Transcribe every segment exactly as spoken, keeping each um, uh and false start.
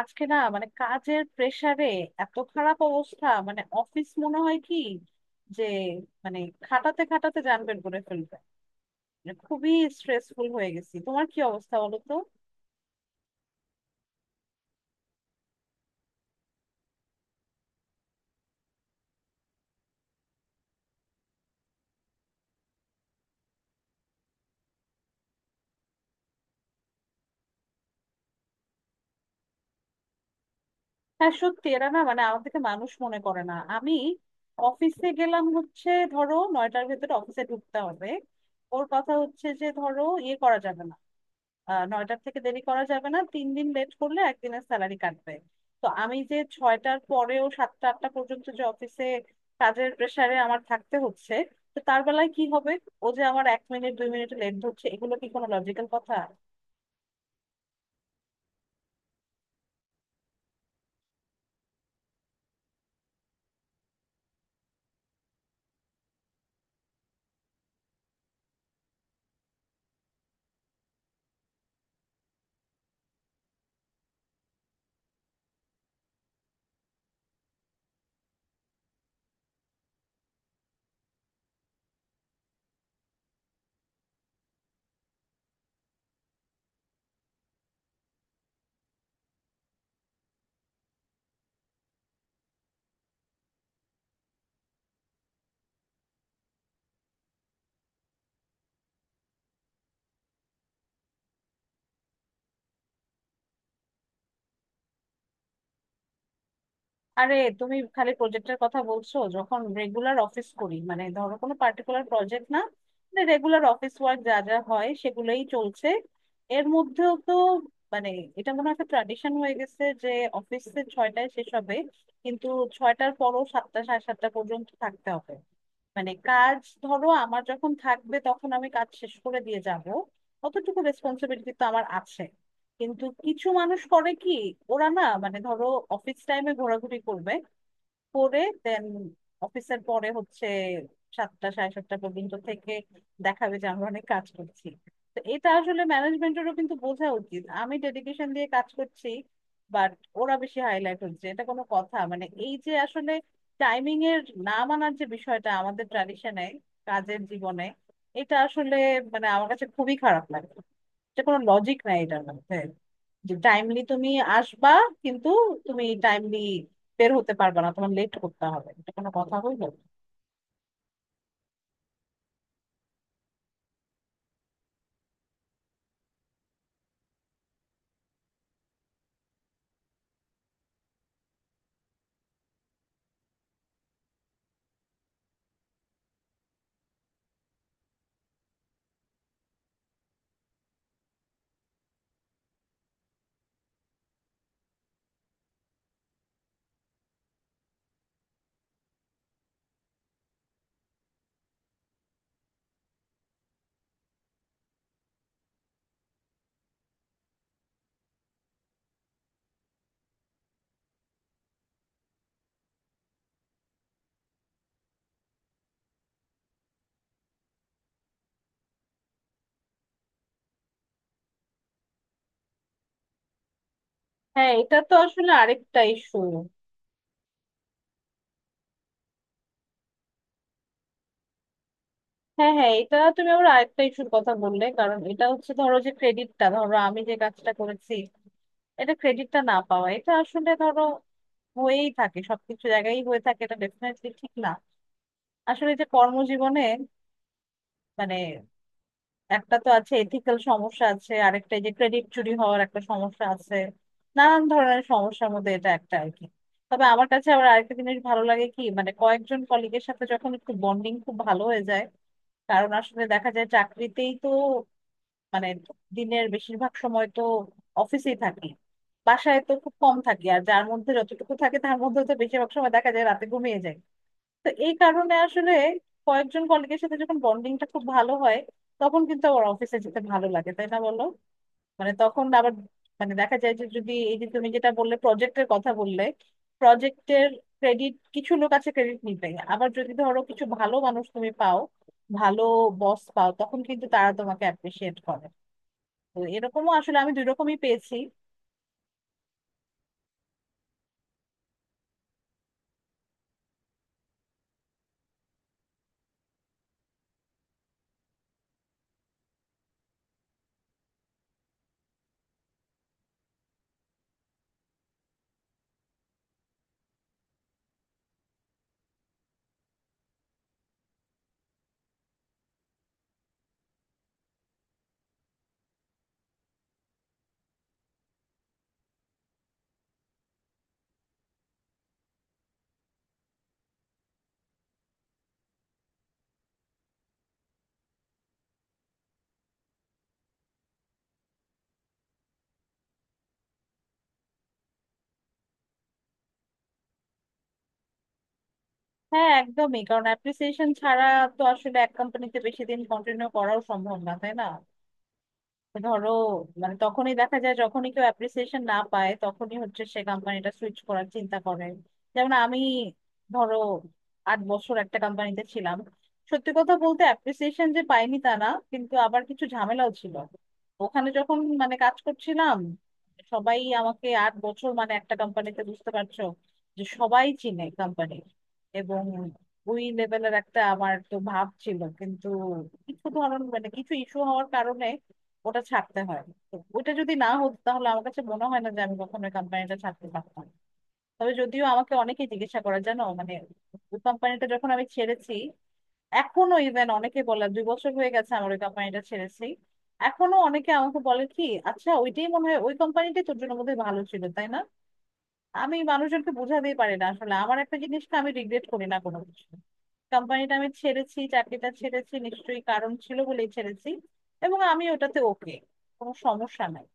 আজকে না মানে কাজের প্রেসারে এত খারাপ অবস্থা, মানে অফিস মনে হয় কি যে, মানে খাটাতে খাটাতে জানবেন করে ফেলবে, মানে খুবই স্ট্রেসফুল হয়ে গেছি। তোমার কি অবস্থা বলো তো? হ্যাঁ, সত্যি এরা না মানে আমাদেরকে মানুষ মনে করে না। আমি অফিসে গেলাম, হচ্ছে ধরো নয়টার ভেতরে অফিসে ঢুকতে হবে। ওর কথা হচ্ছে যে ধরো ইয়ে করা যাবে না, আহ নয়টার থেকে দেরি করা যাবে না, তিন দিন লেট করলে একদিনের স্যালারি কাটবে। তো আমি যে ছয়টার পরেও সাতটা আটটা পর্যন্ত যে অফিসে কাজের প্রেসারে আমার থাকতে হচ্ছে, তো তার বেলায় কি হবে? ও যে আমার এক মিনিট দুই মিনিট লেট ধরছে, এগুলো কি কোনো লজিক্যাল কথা? আরে, তুমি খালি প্রজেক্টের কথা বলছো। যখন রেগুলার অফিস করি মানে ধরো কোনো পার্টিকুলার প্রজেক্ট না, রেগুলার অফিস ওয়ার্ক যা যা হয় সেগুলোই চলছে। এর মধ্যেও তো মানে এটা মনে হয় একটা ট্র্যাডিশন হয়ে গেছে যে অফিসে ছয়টায় শেষ হবে, কিন্তু ছয়টার পরও সাতটা সাড়ে সাতটা পর্যন্ত থাকতে হবে। মানে কাজ ধরো আমার যখন থাকবে তখন আমি কাজ শেষ করে দিয়ে যাব, অতটুকু রেসপন্সিবিলিটি তো আমার আছে। কিন্তু কিছু মানুষ করে কি, ওরা না মানে ধরো অফিস টাইমে ঘোরাঘুরি করবে, করে দেন অফিসের পরে হচ্ছে সাতটা সাড়ে সাতটা পর্যন্ত থেকে দেখাবে যে আমরা অনেক কাজ করছি। তো এটা আসলে ম্যানেজমেন্টেরও কিন্তু বোঝা উচিত আমি ডেডিকেশন দিয়ে কাজ করছি, বাট ওরা বেশি হাইলাইট হচ্ছে, এটা কোনো কথা? মানে এই যে আসলে টাইমিং এর না মানার যে বিষয়টা আমাদের ট্র্যাডিশনে, কাজের জীবনে, এটা আসলে মানে আমার কাছে খুবই খারাপ লাগে। এটা কোনো লজিক নাই এটার মধ্যে, যে টাইমলি তুমি আসবা, কিন্তু তুমি টাইমলি বের হতে পারবা না, তোমার লেট করতে হবে, এটা কোনো কথা হইলো? হ্যাঁ, এটা তো আসলে আরেকটা ইস্যু। হ্যাঁ হ্যাঁ, এটা তুমি আবার আরেকটা ইস্যুর কথা বললে, কারণ এটা হচ্ছে ধরো যে ক্রেডিটটা, ধরো আমি যে কাজটা করেছি এটা, ক্রেডিটটা না পাওয়া এটা আসলে ধরো হয়েই থাকে, সবকিছু জায়গায় হয়ে থাকে, এটা ডেফিনেটলি ঠিক না। আসলে যে কর্মজীবনে মানে একটা তো আছে এথিক্যাল সমস্যা আছে, আরেকটা এই যে ক্রেডিট চুরি হওয়ার একটা সমস্যা আছে, নানান ধরনের সমস্যার মধ্যে এটা একটা আর কি। তবে আমার কাছে আবার আরেকটা জিনিস ভালো লাগে কি, মানে কয়েকজন কলিগের সাথে যখন একটু বন্ডিং খুব ভালো হয়ে যায়, কারণ আসলে দেখা যায় চাকরিতেই তো মানে দিনের বেশিরভাগ সময় তো অফিসেই থাকি, বাসায় তো খুব কম থাকি, আর যার মধ্যে যতটুকু থাকে তার মধ্যে তো বেশিরভাগ সময় দেখা যায় রাতে ঘুমিয়ে যায়। তো এই কারণে আসলে কয়েকজন কলিগের সাথে যখন বন্ডিংটা খুব ভালো হয় তখন কিন্তু আমার অফিসে যেতে ভালো লাগে, তাই না বলো? মানে তখন আবার, মানে দেখা যায় যে, যদি এই যে তুমি যেটা বললে প্রজেক্টের কথা বললে, প্রজেক্টের ক্রেডিট কিছু লোক আছে ক্রেডিট নিতে, আবার যদি ধরো কিছু ভালো মানুষ তুমি পাও, ভালো বস পাও, তখন কিন্তু তারা তোমাকে অ্যাপ্রিসিয়েট করে। তো এরকমও আসলে আমি দুই রকমই পেয়েছি। হ্যাঁ একদমই, কারণ অ্যাপ্রিসিয়েশন ছাড়া তো আসলে এক কোম্পানিতে বেশি দিন কন্টিনিউ করাও সম্ভব না, তাই না? ধরো, মানে তখনই দেখা যায় যখনই কেউ অ্যাপ্রিসিয়েশন না পায় তখনই হচ্ছে সে কোম্পানিটা সুইচ করার চিন্তা করে। যেমন আমি ধরো আট বছর একটা কোম্পানিতে ছিলাম, সত্যি কথা বলতে অ্যাপ্রিসিয়েশন যে পাইনি তা না, কিন্তু আবার কিছু ঝামেলাও ছিল। ওখানে যখন মানে কাজ করছিলাম, সবাই আমাকে আট বছর মানে একটা কোম্পানিতে, বুঝতে পারছো যে সবাই চিনে কোম্পানি, এবং ওই লেভেলের একটা আমার তো ভাব ছিল, কিন্তু কিছু ধরন মানে কিছু ইস্যু হওয়ার কারণে ওটা ছাড়তে হয়। তো ওটা যদি না হতো তাহলে আমার কাছে মনে হয় না যে আমি কখনো কোম্পানিটা ছাড়তে পারতাম। তবে যদিও আমাকে অনেকেই জিজ্ঞাসা করে, জানো মানে, ওই কোম্পানিটা যখন আমি ছেড়েছি, এখনো ইভেন অনেকে বলে, দুই বছর হয়ে গেছে আমার ওই কোম্পানিটা ছেড়েছি, এখনো অনেকে আমাকে বলে কি, আচ্ছা ওইটাই মনে হয়, ওই কোম্পানিটাই তোর জন্য বোধহয় ভালো ছিল, তাই না? আমি মানুষজনকে বোঝাতেই পারি না আসলে, আমার একটা জিনিসটা আমি রিগ্রেট করি না কোনো কিছু। কোম্পানিটা আমি ছেড়েছি, চাকরিটা ছেড়েছি, নিশ্চয়ই কারণ ছিল বলেই ছেড়েছি, এবং আমি ওটাতে ওকে, কোনো সমস্যা নাই।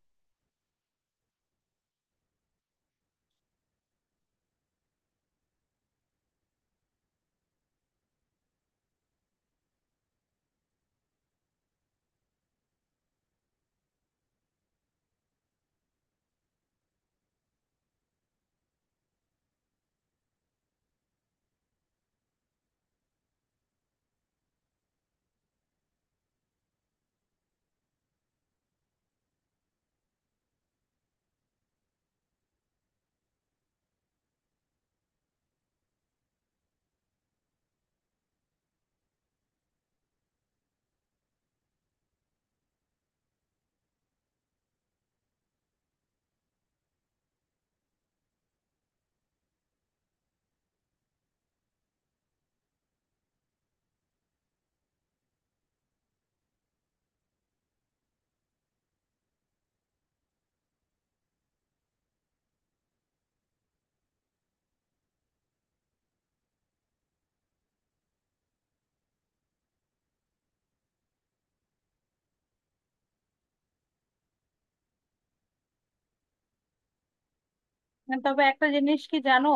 তবে একটা জিনিস কি জানো,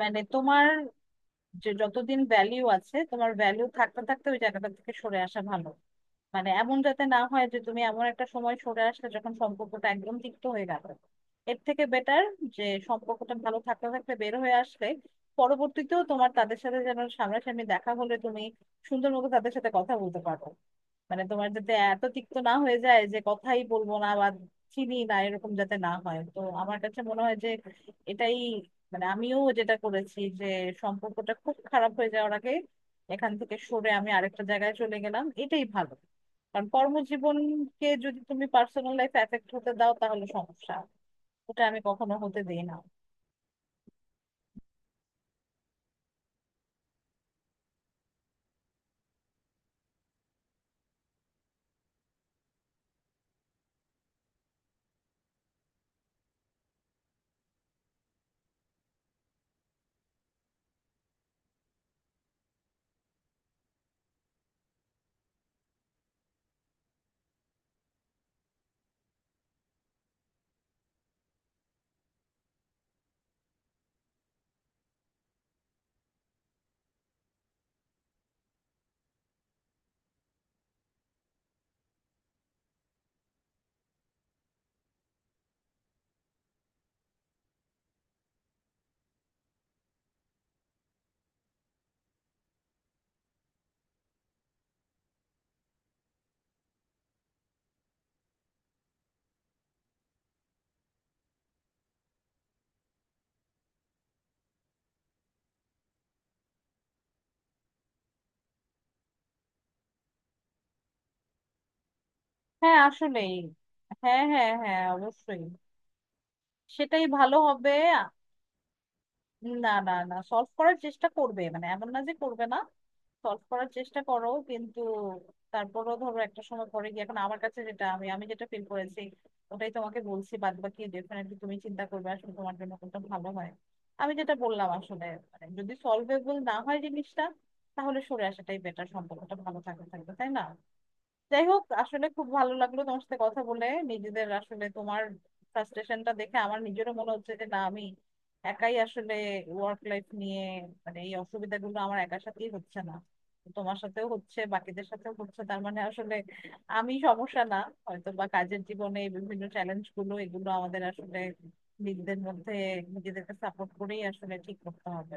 মানে তোমার, যে যতদিন ভ্যালিউ আছে, তোমার ভ্যালিউ থাকতে থাকতে ওই জায়গাটা থেকে সরে আসা ভালো। মানে এমন যাতে না হয় যে তুমি এমন একটা সময় সরে আসলে যখন সম্পর্কটা একদম তিক্ত হয়ে গেল। এর থেকে বেটার যে সম্পর্কটা ভালো থাকতে থাকতে বের হয়ে আসলে পরবর্তীতেও তোমার তাদের সাথে যেন সামনাসামনি দেখা হলে তুমি সুন্দর মতো তাদের সাথে কথা বলতে পারো। মানে তোমার যাতে এত তিক্ত না হয়ে যায় যে কথাই বলবো না, বা চিনি না, এরকম যাতে না হয়। তো আমার কাছে মনে হয় যে এটাই, মানে আমিও যেটা করেছি, যে সম্পর্কটা খুব খারাপ হয়ে যাওয়ার আগে এখান থেকে সরে আমি আরেকটা জায়গায় চলে গেলাম, এটাই ভালো। কারণ কর্মজীবনকে যদি তুমি পার্সোনাল লাইফ এফেক্ট হতে দাও তাহলে সমস্যা, ওটা আমি কখনো হতে দিই না। হ্যাঁ আসলেই। হ্যাঁ হ্যাঁ হ্যাঁ, অবশ্যই। সেটাই ভালো হবে। না না না, সলভ করার চেষ্টা করবে, মানে এমন না যে করবে না, সলভ করার চেষ্টা করো, কিন্তু তারপরও ধরো একটা সময় পরে গিয়ে, এখন আমার কাছে যেটা, আমি আমি যেটা ফিল করেছি, ওটাই তোমাকে বলছি, বাদ বাকি ডেফিনেটলি তুমি চিন্তা করবে আসলে তোমার জন্য কোনটা ভালো হয়। আমি যেটা বললাম আসলে, মানে যদি সলভেবল না হয় জিনিসটা তাহলে সরে আসাটাই বেটার, সম্পর্কটা ভালো থাকবে থাকবে, তাই না? যাই হোক, আসলে খুব ভালো লাগলো তোমার সাথে কথা বলে। নিজেদের আসলে তোমার ফ্রাস্ট্রেশনটা দেখে আমার নিজেরও মনে হচ্ছে যে না, আমি একাই আসলে ওয়ার্ক লাইফ নিয়ে, মানে এই অসুবিধাগুলো আমার একার সাথেই হচ্ছে না, তোমার সাথেও হচ্ছে, বাকিদের সাথেও হচ্ছে, তার মানে আসলে আমি সমস্যা না, হয়তো বা কাজের জীবনে এই বিভিন্ন চ্যালেঞ্জ গুলো এগুলো আমাদের আসলে নিজেদের মধ্যে নিজেদেরকে সাপোর্ট করেই আসলে ঠিক করতে হবে।